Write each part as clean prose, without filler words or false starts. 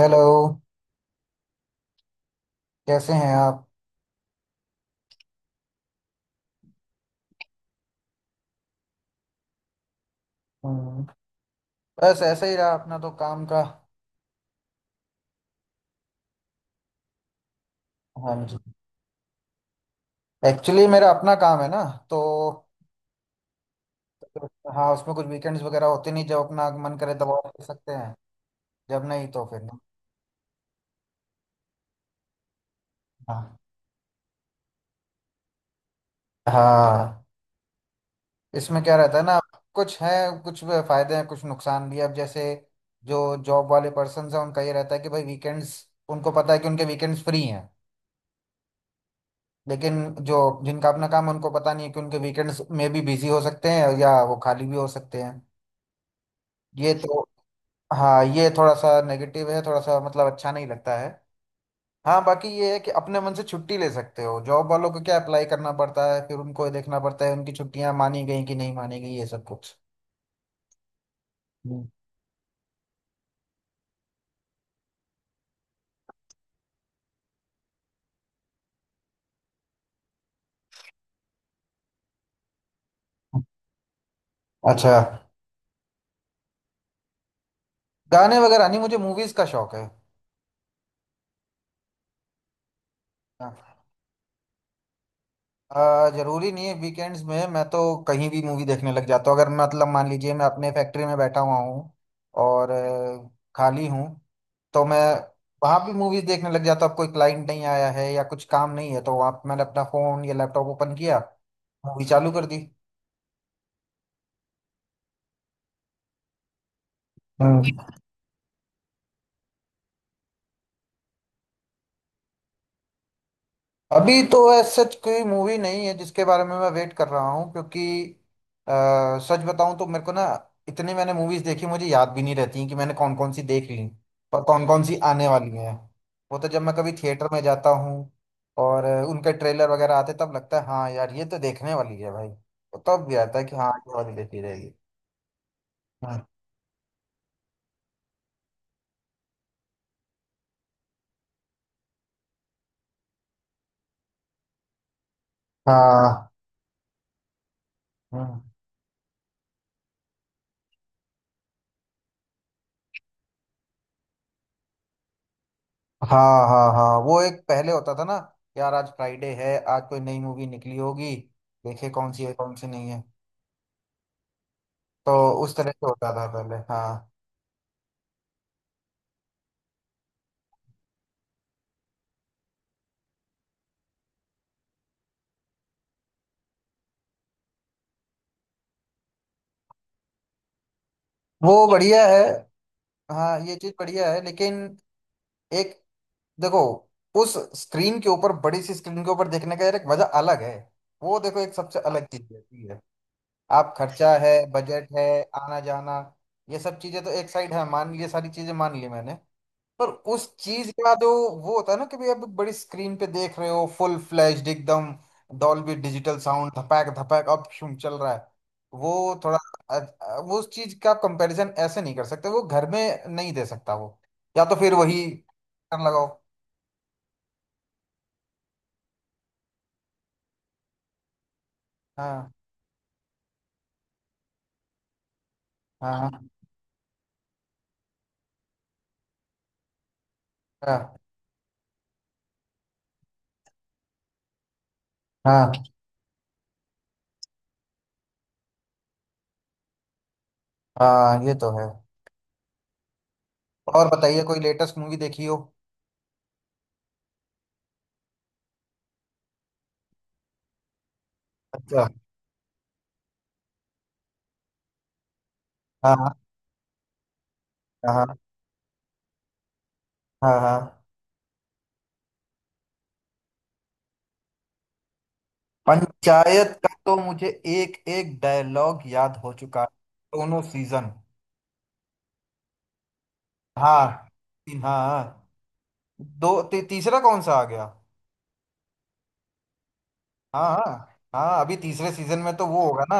Hello. कैसे हैं आप? हम्म, बस ऐसे ही रहा अपना तो काम का। हाँ जी। एक्चुअली मेरा अपना काम है ना तो हाँ, उसमें कुछ वीकेंड्स वगैरह होते नहीं, जब अपना मन करे तब ऑफ कर सकते हैं। जब नहीं तो फिर नहीं। हाँ, हाँ। इसमें क्या रहता है ना। कुछ है, कुछ फायदे हैं, कुछ नुकसान भी है। अब जैसे जो जॉब वाले पर्सन हैं उनका ये रहता है कि भाई वीकेंड्स, उनको पता है कि उनके वीकेंड्स फ्री हैं। लेकिन जो जिनका अपना काम है उनको पता नहीं है कि उनके वीकेंड्स में भी बिजी हो सकते हैं या वो खाली भी हो सकते हैं। ये तो हाँ, ये थोड़ा सा नेगेटिव है, थोड़ा सा मतलब अच्छा नहीं लगता है। हाँ, बाकी ये है कि अपने मन से छुट्टी ले सकते हो, जॉब वालों को क्या अप्लाई करना पड़ता है, फिर उनको ये देखना पड़ता है उनकी छुट्टियां मानी गई कि नहीं मानी गई, ये सब कुछ। हम्म। अच्छा। गाने वगैरह नहीं, मुझे मूवीज का शौक है। हाँ। जरूरी नहीं है वीकेंड्स में, मैं तो कहीं भी मूवी देखने लग जाता हूँ। अगर मतलब मान लीजिए मैं अपने फैक्ट्री में बैठा हुआ हूँ और खाली हूँ, तो मैं वहाँ भी मूवीज देखने लग जाता हूँ। अब कोई क्लाइंट नहीं आया है या कुछ काम नहीं है, तो वहाँ पे मैंने अपना फोन या लैपटॉप ओपन किया, मूवी चालू कर दी। हम्म। अभी तो ऐसा सच कोई मूवी नहीं है जिसके बारे में मैं वेट कर रहा हूँ, क्योंकि सच बताऊं तो मेरे को ना इतनी मैंने मूवीज देखी मुझे याद भी नहीं रहती कि मैंने कौन कौन सी देख ली और कौन कौन सी आने वाली हैं। वो तो जब मैं कभी थिएटर में जाता हूँ और उनके ट्रेलर वगैरह आते तब लगता है हाँ यार ये तो देखने वाली है भाई, तो तब भी आता है कि हाँ, ये वाली देखी जाएगी। हाँ, हाँ। हम्म। हाँ हाँ हाँ, वो एक पहले होता था ना। यार आज फ्राइडे है, आज कोई नई मूवी निकली होगी, देखे कौन सी है कौन सी नहीं है। तो उस तरह से होता था पहले, हाँ। वो बढ़िया है। हाँ, ये चीज बढ़िया है लेकिन एक देखो उस स्क्रीन के ऊपर, बड़ी सी स्क्रीन के ऊपर देखने का यार एक मजा अलग है। वो देखो एक सबसे अलग चीज रहती है। आप खर्चा है, बजट है, आना जाना, ये सब चीजें तो एक साइड है, मान लिए सारी चीजें मान ली मैंने। पर उस चीज का जो वो होता है ना कि भाई अब बड़ी स्क्रीन पे देख रहे हो, फुल फ्लैश्ड एकदम, डॉल्बी डिजिटल साउंड, धपैक धपैक अब शुम चल रहा है। वो थोड़ा वो उस चीज का कंपैरिजन ऐसे नहीं कर सकते, वो घर में नहीं दे सकता। वो या तो फिर वही कर लगाओ। हाँ हाँ हाँ हाँ। हाँ, ये तो है। और बताइए कोई लेटेस्ट मूवी देखी हो? अच्छा। हाँ हाँ हाँ हाँ। पंचायत का तो मुझे एक एक डायलॉग याद हो चुका है, दोनों सीजन। हाँ हाँ। तीसरा कौन सा आ गया? हाँ हाँ हाँ, अभी तीसरे सीजन में तो वो होगा ना,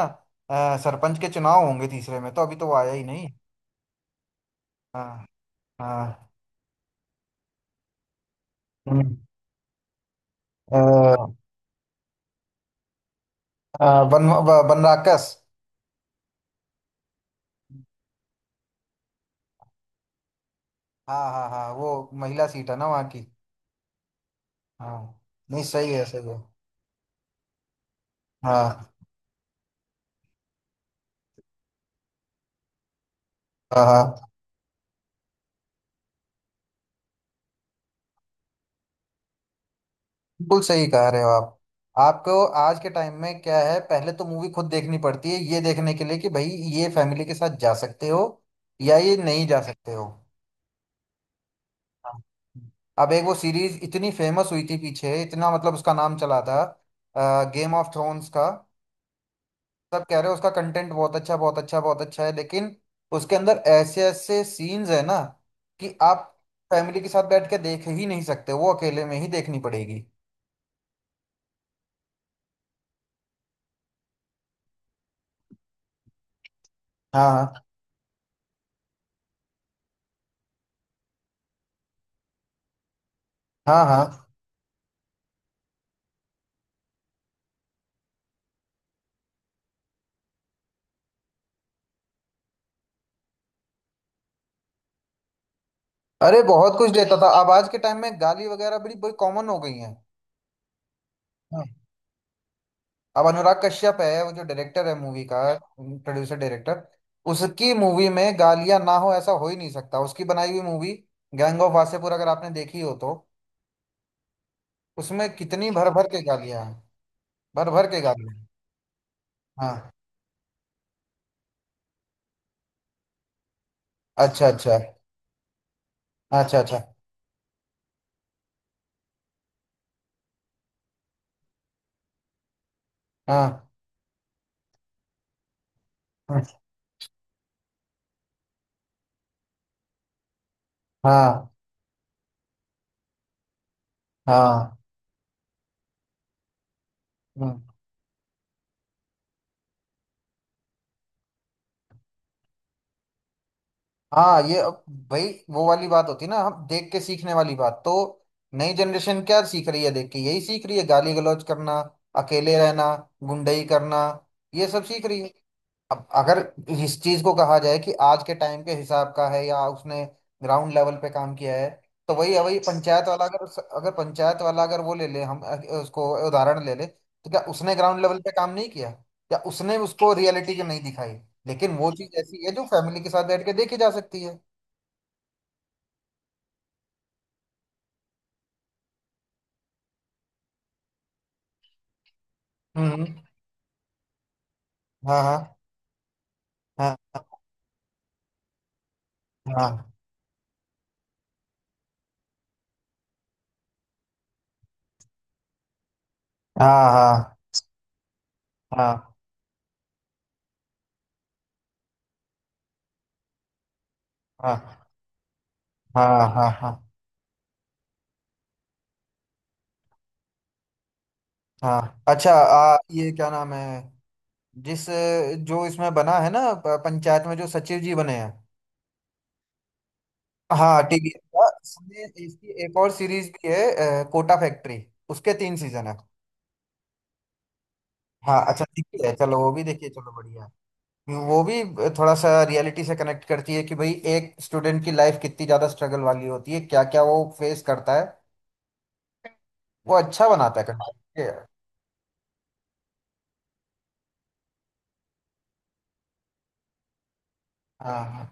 सरपंच के चुनाव होंगे तीसरे में, तो अभी तो वो आया ही नहीं। हाँ हाँ। हम्म, अ, बनराकस। हाँ हाँ हाँ, वो महिला सीट है ना वहाँ की। हाँ। नहीं, सही है सही है। हाँ हाँ हाँ। बिल्कुल सही कह रहे हो आप। आपको आज के टाइम में क्या है, पहले तो मूवी खुद देखनी पड़ती है ये देखने के लिए कि भाई ये फैमिली के साथ जा सकते हो या ये नहीं जा सकते हो। हाँ। अब एक वो सीरीज इतनी फेमस हुई थी पीछे, इतना मतलब उसका नाम चला था, गेम ऑफ थ्रोन्स का सब कह रहे हो उसका कंटेंट बहुत अच्छा बहुत अच्छा बहुत अच्छा है, लेकिन उसके अंदर ऐसे ऐसे सीन्स है ना कि आप फैमिली के साथ बैठ के देख ही नहीं सकते, वो अकेले में ही देखनी पड़ेगी। हाँ हाँ हाँ हाँ। अरे बहुत कुछ लेता था, अब आज के टाइम में गाली वगैरह बड़ी बड़ी कॉमन हो गई हैं। हाँ। अब अनुराग कश्यप है वो, जो डायरेक्टर है मूवी का, प्रोड्यूसर डायरेक्टर, उसकी मूवी में गालियां ना हो ऐसा हो ही नहीं सकता। उसकी बनाई हुई मूवी गैंग ऑफ वासेपुर, अगर आपने देखी हो तो उसमें कितनी भर भर के गालियां हैं। भर भर के गालियां हैं। हाँ। अच्छा अच्छा अच्छा अच्छा। हाँ हाँ हाँ हाँ हाँ। ये अब भाई वो वाली बात होती है ना, हम देख के सीखने वाली बात। तो नई जनरेशन क्या सीख रही है देख के, यही सीख रही है, गाली गलौज करना, अकेले रहना, गुंडई करना, ये सब सीख रही है। अब अगर इस चीज को कहा जाए कि आज के टाइम के हिसाब का है या उसने ग्राउंड लेवल पे काम किया है, तो वही है वही पंचायत वाला, अगर उस- अगर पंचायत वाला अगर वो ले ले, हम उसको उदाहरण ले ले तो क्या उसने ग्राउंड लेवल पे काम नहीं किया या उसने उसको रियलिटी जो नहीं दिखाई? लेकिन वो चीज ऐसी है जो फैमिली के साथ बैठ के देखी जा सकती है। हम्म। हाँ हाँ हाँ हाँ हाँ हाँ हाँ हाँ हाँ हाँ हाँ हाँ। अच्छा, ये क्या नाम है जिस जो इसमें बना है ना, पंचायत में जो सचिव जी बने हैं? हाँ, टीवीएस का, इसमें इसकी एक और सीरीज भी है, कोटा फैक्ट्री, उसके तीन सीजन है। हाँ अच्छा, देखिए है चलो वो भी देखिए, चलो बढ़िया है। वो भी थोड़ा सा रियलिटी से कनेक्ट करती है कि भाई एक स्टूडेंट की लाइफ कितनी ज्यादा स्ट्रगल वाली होती है, क्या क्या वो फेस करता है। वो अच्छा बनाता है कंटेंट। हाँ हाँ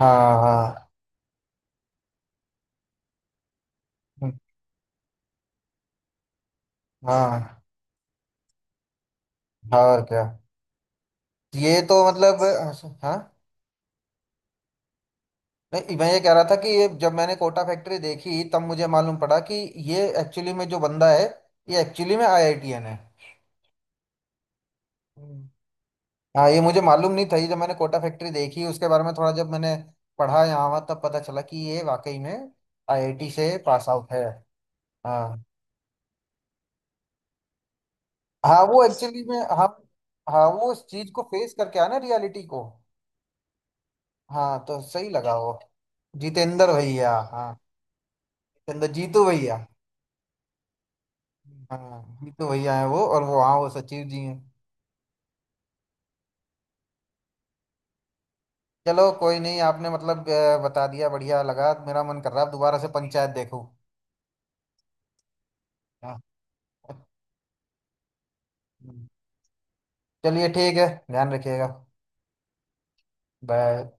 हाँ हाँ हाँ, और क्या, ये तो मतलब, हाँ हाँ। नहीं, मैं ये कह रहा था कि ये जब मैंने कोटा फैक्ट्री देखी तब मुझे मालूम पड़ा कि ये एक्चुअली में जो बंदा है ये एक्चुअली में आईआईटीएन है। हम्म। हाँ, ये मुझे मालूम नहीं था, ये जब मैंने कोटा फैक्ट्री देखी उसके बारे में थोड़ा जब मैंने पढ़ा यहाँ वहाँ तब पता चला कि ये वाकई में आईआईटी से पास आउट है। हाँ हाँ, वो एक्चुअली में, हाँ हाँ, वो उस चीज को फेस करके आया ना रियलिटी को। हाँ तो सही लगा वो। जितेंद्र भैया, हाँ। जितेंद्र जीतू भैया। हाँ, जीतू भैया है वो और वो, हाँ, वो सचिव जी हैं। चलो कोई नहीं, आपने मतलब बता दिया, बढ़िया लगा, मेरा मन कर रहा है अब दोबारा से पंचायत देखूं। हाँ, चलिए ठीक है, ध्यान रखिएगा। बाय।